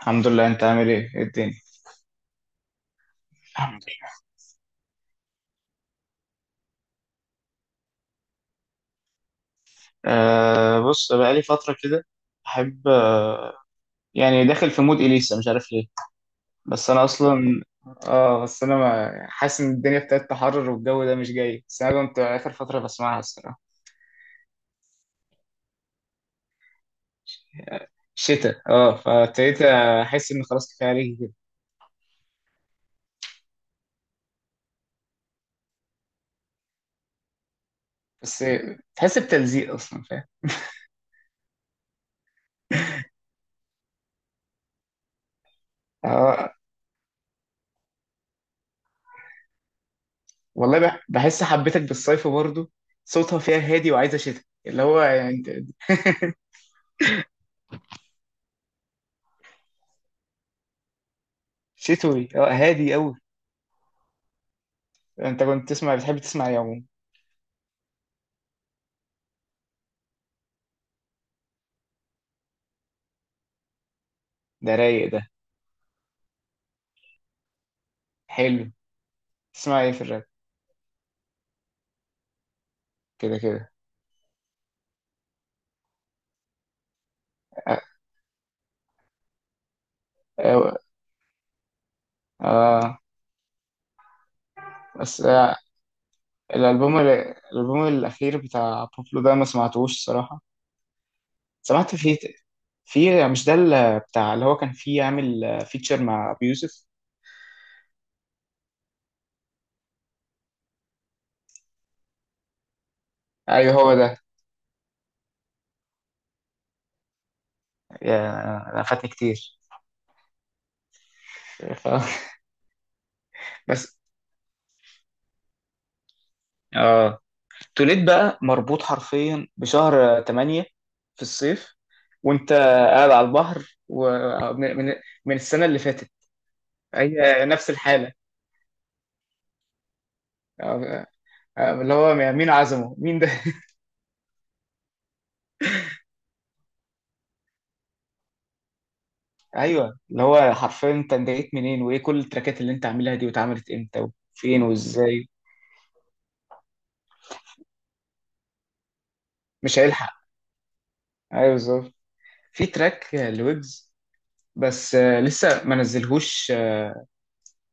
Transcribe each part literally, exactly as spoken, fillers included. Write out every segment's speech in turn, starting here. الحمد لله، انت عامل ايه؟ ايه الدنيا؟ الحمد لله. آه، بص بقالي فترة كده. احب، آه يعني داخل في مود اليسا، مش عارف ليه. بس انا اصلا، اه بس انا ما حاسس ان الدنيا ابتدت تحرر والجو ده مش جاي، بس انا كنت اخر فترة بسمعها الصراحة. شتاء، اه، فابتديت احس ان خلاص كفاية عليك كده. بس تحس بتلزيق اصلا، فاهم؟ اه والله، بح- بحس حبيتك بالصيف برضو. صوتها فيها هادي وعايزة شتاء، اللي هو يعني انت- شتوي، اه، هادي قوي. انت كنت تسمع، بتحب تسمع ايه عموما؟ ده رايق ده. حلو. تسمع ايه في الراب؟ كده كده. اه اه. آه، بس، آه، الالبوم الالبوم الاخير بتاع بوبلو ده، ما سمعتوش الصراحه. سمعت فيه. في، مش ده اللي بتاع، اللي هو كان فيه عامل فيتشر مع ابو يوسف؟ ايوه هو ده. يا، انا فاتني كتير. ف- بس اه، توليد بقى مربوط حرفيا بشهر تمانية في الصيف وانت قاعد على البحر، ومن من من السنه اللي فاتت. هي نفس الحالة. آه، آه، اللي هو مين عزمه مين ده؟ ايوه، اللي هو حرفيا انت بدأت منين؟ وايه كل التراكات اللي انت عاملها دي؟ واتعملت امتى وفين وازاي؟ مش هيلحق. ايوه بالظبط. في تراك آه، لويجز، بس آه، لسه ما نزلهوش، آه،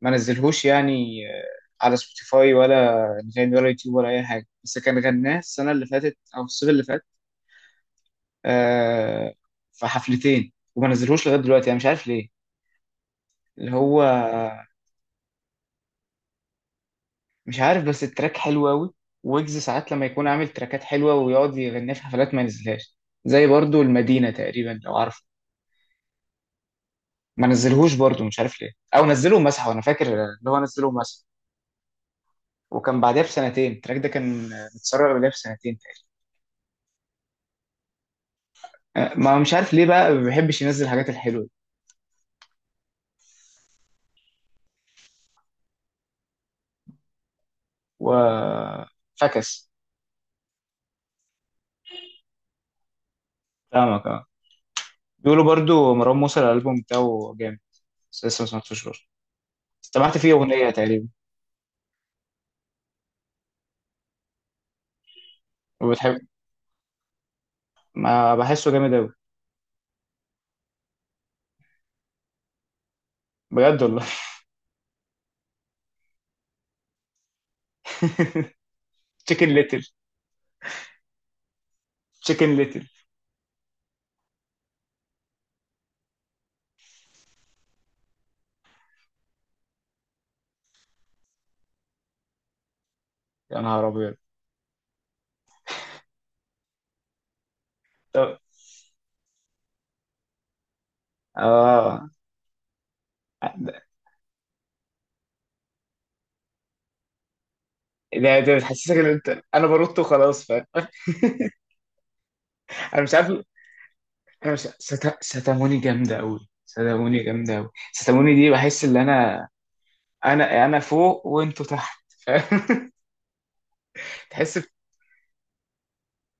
ما نزلهوش يعني، آه، على سبوتيفاي ولا انغامي ولا يوتيوب ولا اي حاجه، بس كان غناه السنه اللي فاتت او الصيف اللي فات. آه، في حفلتين وما نزلهوش لغايه دلوقتي، انا مش عارف ليه. اللي هو، مش عارف، بس التراك حلو قوي. ويجز ساعات لما يكون عامل تراكات حلوه ويقعد يغنيها في حفلات ما ينزلهاش. زي برضو المدينه تقريبا، لو عارف. ما نزلهوش برضو، مش عارف ليه، او نزله ومسحه. انا فاكر اللي هو نزله ومسحه. وكان بعدها بسنتين التراك ده كان متسرع، بعدها بسنتين تقريبا. أه، ما مش عارف ليه بقى ما بيحبش ينزل الحاجات الحلوه، و فكس. فاهمك اه. بيقولوا برضو مروان موسى الالبوم بتاعه جامد، بس لسه ما سمعتوش برضه. سمعت فيه اغنيه تقريبا. وبتحب. ما بحسه جامد قوي. بجد والله. تشيكن ليتل. تشيكن ليتل. يا نهار ابيض. طب اه. ده، ده بتحسسك ان انت انا بنط وخلاص، فاهم؟ انا مش عارف. انا مش ستا... ستاموني جامده قوي. ستاموني جامده قوي. ستاموني دي بحس ان انا انا انا فوق وانتوا تحت، فاهم؟ تحس ب...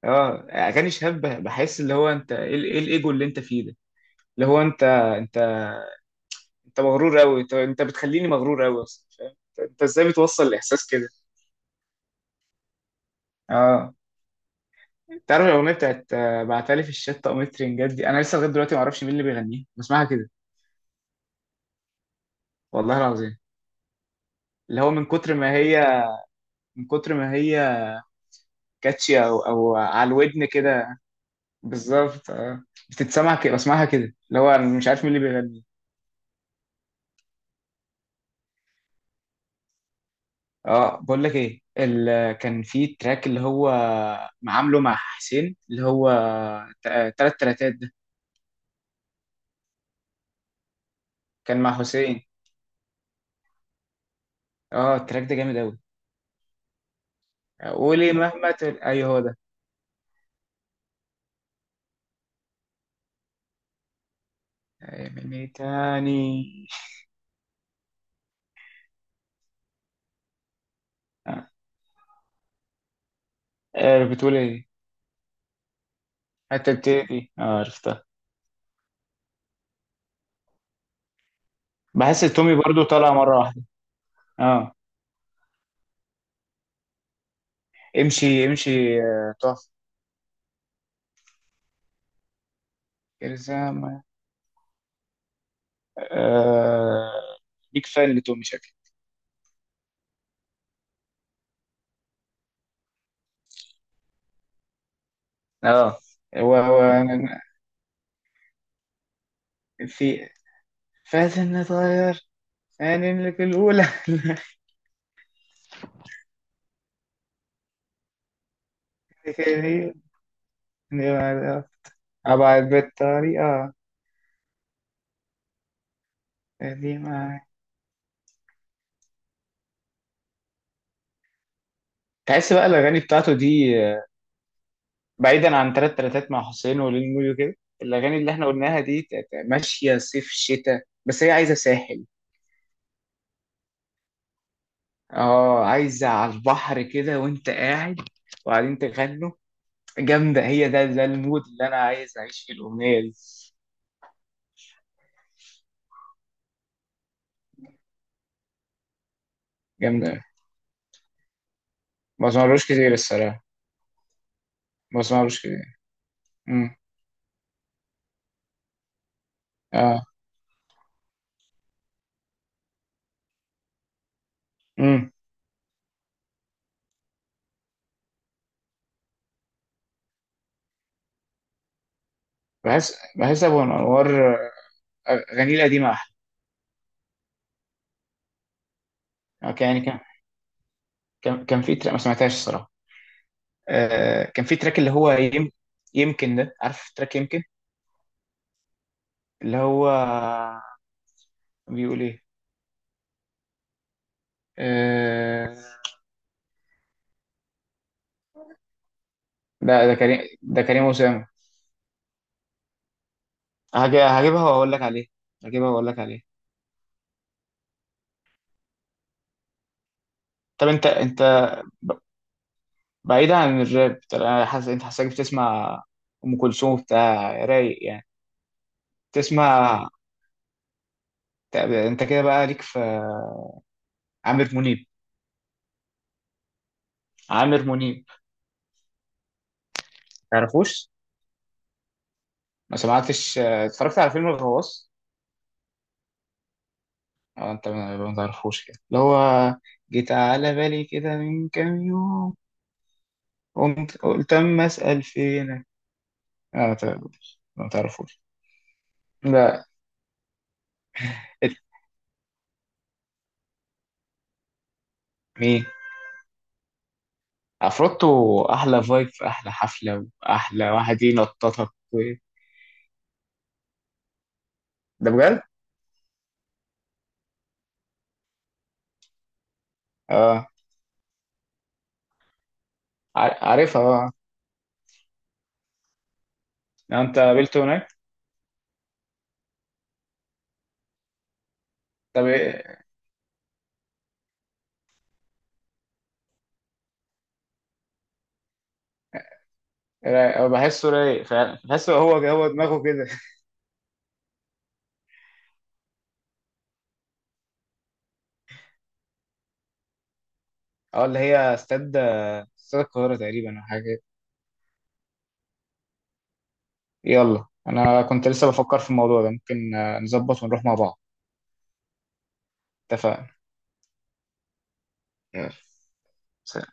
اه، اغاني شاب بحس اللي هو، انت ايه، ال- إيه الايجو اللي انت فيه ده، اللي هو انت انت انت مغرور قوي، انت انت بتخليني مغرور قوي اصلا، فاهم؟ انت إنت ازاي بتوصل الاحساس كده؟ اه، تعرف الاغنيه بتاعت آه، بعتلي في الشتا قميص ترنجات دي؟ انا لسه لغايه دلوقتي ما اعرفش مين اللي بيغنيها، بسمعها كده، والله العظيم. اللي هو من كتر ما هي من كتر ما هي كاتشي، او او على الودن كده. بالظبط اه. بتتسمع كده، بسمعها كده، اللي هو انا مش عارف مين اللي بيغني. اه، بقول لك ايه، ال... كان في تراك اللي هو عامله مع حسين، اللي هو ت- تلات تلاتات ده. كان مع حسين. اه، التراك ده جامد قوي. قولي مهما تقول، ايوه هو ده. من تاني. آه، بتقول ايه؟ حتى بتدي اه عرفتها. بحس التومي برضو طالع مرة واحدة. اه، امشي امشي، آه، تقف. الزام. آه، بيك فان لتومي شكلي. اه، هو هو أنا- في فاتن نتغير، يعني اللي في الأولى. كده دي. مع- أبعد بالطريقة. دي معاك. تحس بقى الأغاني بتاعته دي آه، بعيدا عن تلات تلاتات مع حسين ولين مويو كده، الأغاني اللي احنا قلناها دي ت- ت- ماشية صيف شتاء، بس هي عايزة ساحل. اه، عايزة على البحر كده وانت قاعد وبعدين تغنوا. جامدة هي. ده، ده المود اللي انا عايز اعيش فيه الاغنية دي. جامدة أوي. ما سمعلوش كتير الصراحة. ما سمعلوش كتير. امم. اه، امم. بحس بحس ابو انوار، آه، اغانيه القديمة احلى. آه، كان- يعني كان كان كان في تراك ما سمعتهاش الصراحة. آه كان في تراك اللي هو يم... يمكن ده، عارف تراك يمكن، اللي هو بيقول ايه؟ آه... لا، ده كريم، ده كريم أسامة. هج- هجيبها واقول لك عليه. هجيبها واقول لك عليه. طب انت انت ب- بعيدا عن الراب، طب انا حاسس انت، حاسسك بتسمع ام كلثوم بتاع رايق يعني. تسمع. طب انت كده بقى ليك في عامر منيب؟ عامر منيب. تعرفوش؟ ما سمعتش اه، اتفرجت على فيلم الغواص. اه انت ما ما تعرفوش كده، اللي هو جيت على بالي كده من كام يوم، قمت قلت اما اسال فينك. اه، ما تعرفوش، ما تعرفوش. لا. مين؟ عفروتو. احلى فايب في احلى حفله واحلى واحد ينططك و... ده بجد اه. ع- عارفها اه. لو انت قابلته هناك. طب ايه. رايق. أه، بحسه رايق فعلا، بحسه هو هو دماغه كده. اه، اللي هي استاد، استاد القاهره تقريبا او حاجه كده. يلا، انا كنت لسه بفكر في الموضوع ده، ممكن آه، نظبط ونروح مع بعض. اتفقنا. يلا. سلام.